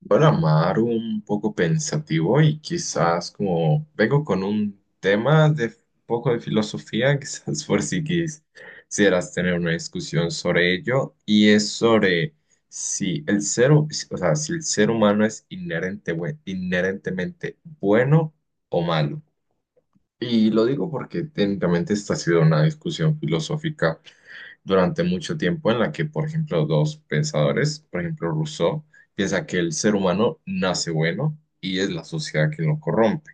Bueno, Amaro, un poco pensativo y quizás como vengo con un tema de poco de filosofía, quizás por si quis- quisieras tener una discusión sobre ello, y es sobre si el ser, hu- o sea, si el ser humano es inherentemente bueno o malo. Y lo digo porque técnicamente esta ha sido una discusión filosófica durante mucho tiempo en la que, por ejemplo, dos pensadores, por ejemplo, Rousseau, piensa que el ser humano nace bueno y es la sociedad que lo corrompe.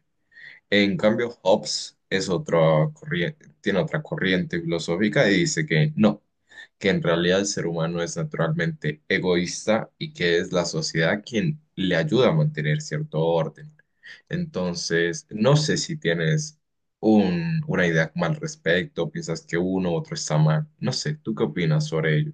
En cambio, Hobbes es otra corriente, tiene otra corriente filosófica y dice que no, que en realidad el ser humano es naturalmente egoísta y que es la sociedad quien le ayuda a mantener cierto orden. Entonces, no sé si tienes una idea mal al respecto, piensas que uno u otro está mal. No sé, ¿tú qué opinas sobre ello?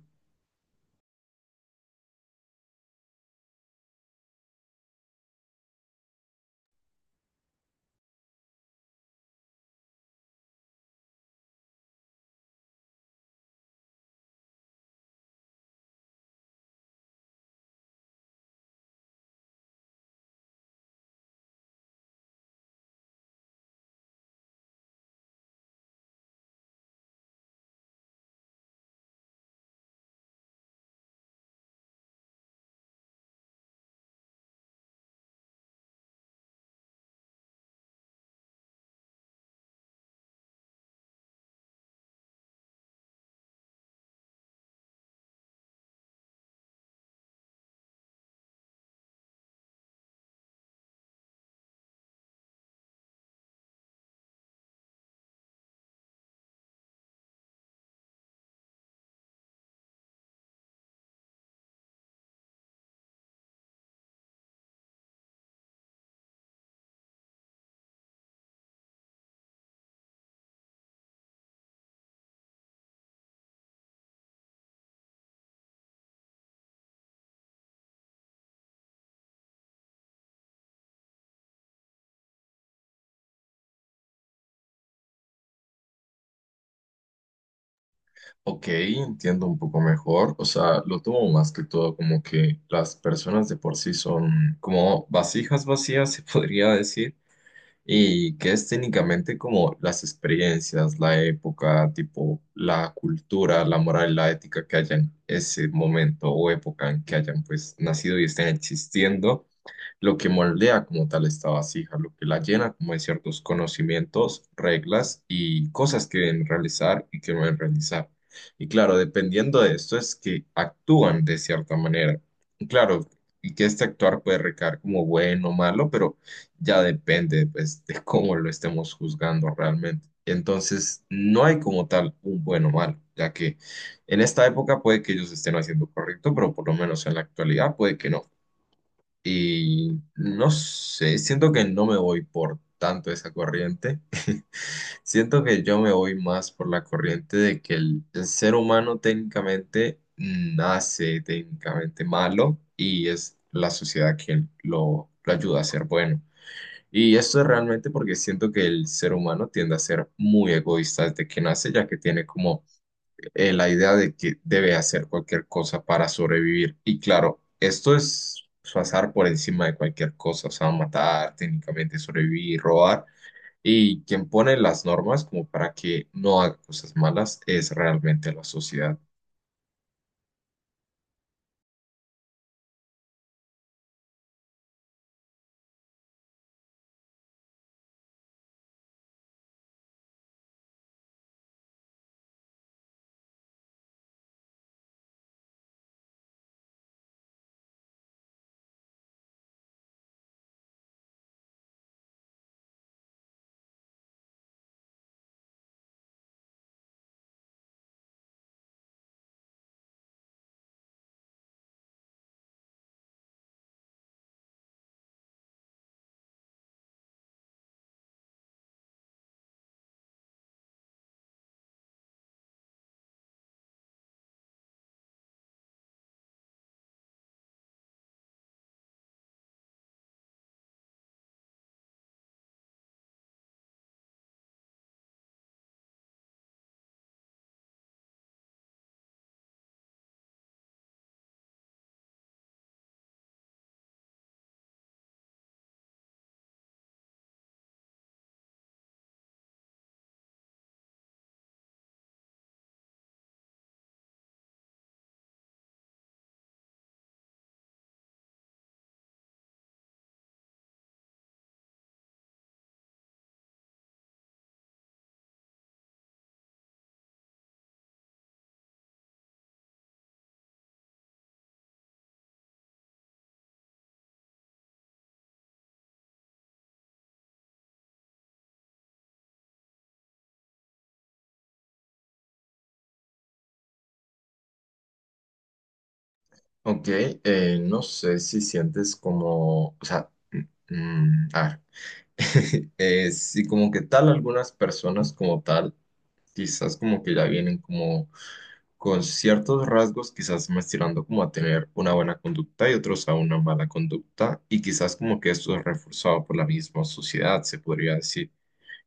Ok, entiendo un poco mejor. O sea, lo tomo más que todo como que las personas de por sí son como vasijas vacías, se podría decir, y que es técnicamente como las experiencias, la época, tipo la cultura, la moral, la ética que hayan ese momento o época en que hayan pues nacido y estén existiendo lo que moldea como tal esta vasija, lo que la llena como de ciertos conocimientos, reglas y cosas que deben realizar y que no deben realizar. Y claro, dependiendo de esto es que actúan de cierta manera. Y claro, y que este actuar puede recaer como bueno o malo, pero ya depende pues de cómo lo estemos juzgando realmente. Entonces, no hay como tal un bueno o malo, ya que en esta época puede que ellos estén haciendo correcto, pero por lo menos en la actualidad puede que no. Y no sé, siento que no me voy por tanto esa corriente. Siento que yo me voy más por la corriente de que el ser humano técnicamente nace técnicamente malo y es la sociedad quien lo ayuda a ser bueno. Y esto es realmente porque siento que el ser humano tiende a ser muy egoísta desde que nace, ya que tiene como la idea de que debe hacer cualquier cosa para sobrevivir. Y claro, esto es pasar por encima de cualquier cosa, o sea, matar, técnicamente sobrevivir, robar. Y quien pone las normas como para que no haga cosas malas es realmente la sociedad. Ok, no sé si sientes como, o sea, a ver, si como que tal algunas personas como tal, quizás como que ya vienen como con ciertos rasgos, quizás más tirando como a tener una buena conducta y otros a una mala conducta, y quizás como que esto es reforzado por la misma sociedad, se podría decir.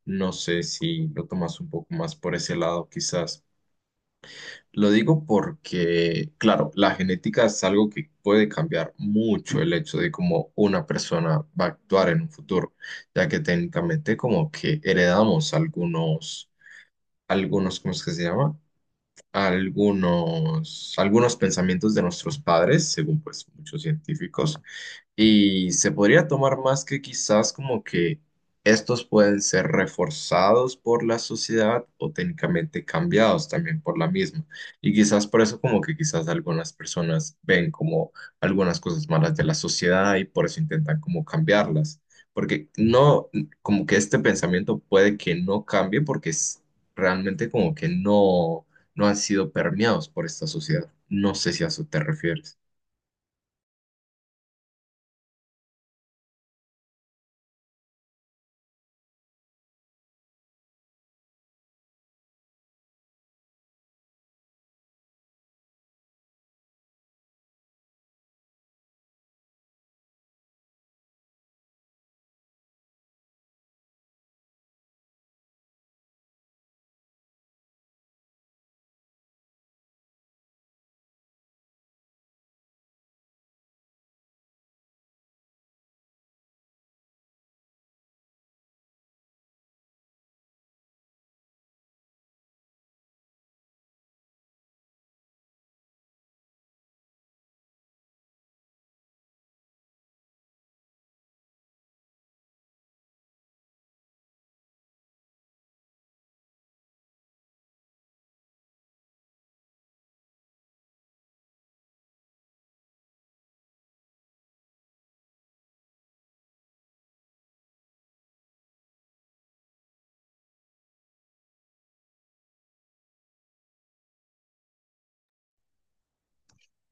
No sé si lo tomas un poco más por ese lado, quizás. Lo digo porque, claro, la genética es algo que puede cambiar mucho el hecho de cómo una persona va a actuar en un futuro, ya que técnicamente como que heredamos algunos, algunos, ¿cómo es que se llama? Algunos pensamientos de nuestros padres, según pues muchos científicos, y se podría tomar más que quizás como que estos pueden ser reforzados por la sociedad o técnicamente cambiados también por la misma. Y quizás por eso como que quizás algunas personas ven como algunas cosas malas de la sociedad y por eso intentan como cambiarlas. Porque no, como que este pensamiento puede que no cambie porque es realmente como que no han sido permeados por esta sociedad. No sé si a eso te refieres.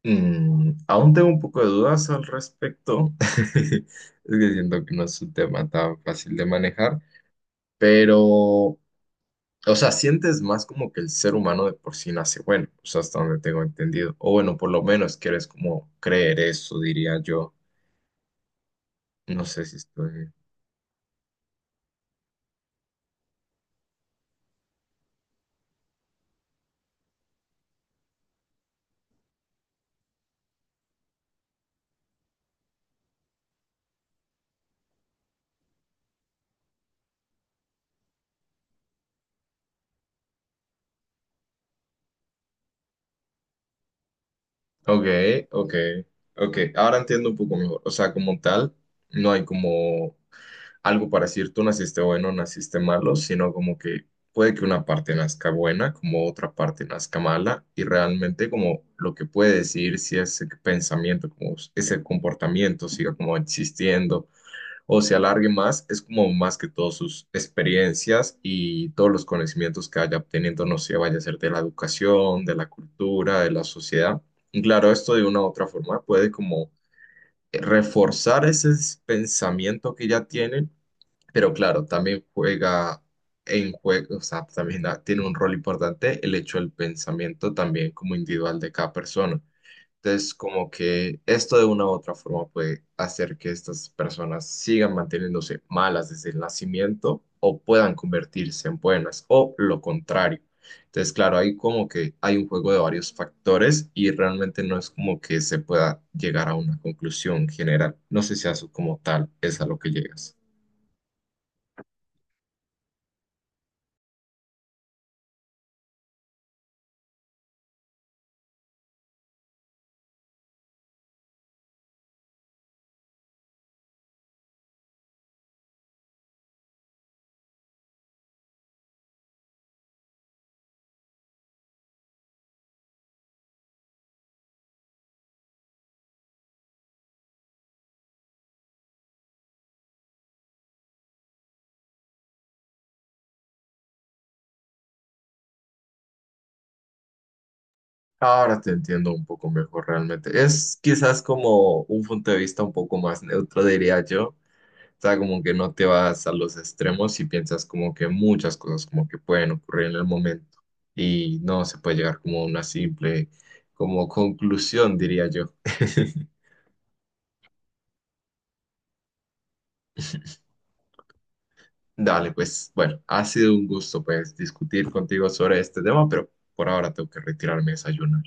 Mm, aún tengo un poco de dudas al respecto. Es que siento que no es un tema tan fácil de manejar, pero, o sea, sientes más como que el ser humano de por sí nace bueno, o sea, hasta donde tengo entendido. O bueno, por lo menos quieres como creer eso, diría yo. No sé si estoy. Ok, ok, ok. Ahora entiendo un poco mejor. O sea, como tal, no hay como algo para decir tú naciste bueno, naciste malo, sino como que puede que una parte nazca buena, como otra parte nazca mala, y realmente como lo que puede decir si ese pensamiento, como ese comportamiento siga como existiendo o se alargue más, es como más que todas sus experiencias y todos los conocimientos que haya obteniendo, no sé, vaya a ser de la educación, de la cultura, de la sociedad. Y claro, esto de una u otra forma puede como reforzar ese pensamiento que ya tienen, pero claro, también juega en juego, o sea, tiene un rol importante el hecho del pensamiento también como individual de cada persona. Entonces, como que esto de una u otra forma puede hacer que estas personas sigan manteniéndose malas desde el nacimiento o puedan convertirse en buenas o lo contrario. Entonces, claro, ahí como que hay un juego de varios factores y realmente no es como que se pueda llegar a una conclusión general. No sé si a eso como tal es a lo que llegas. Ahora te entiendo un poco mejor realmente. Es quizás como un punto de vista un poco más neutro, diría yo. O sea, como que no te vas a los extremos y piensas como que muchas cosas como que pueden ocurrir en el momento y no se puede llegar como a una simple como conclusión, diría yo. Dale, pues bueno, ha sido un gusto pues discutir contigo sobre este tema, pero por ahora tengo que retirarme a desayunar.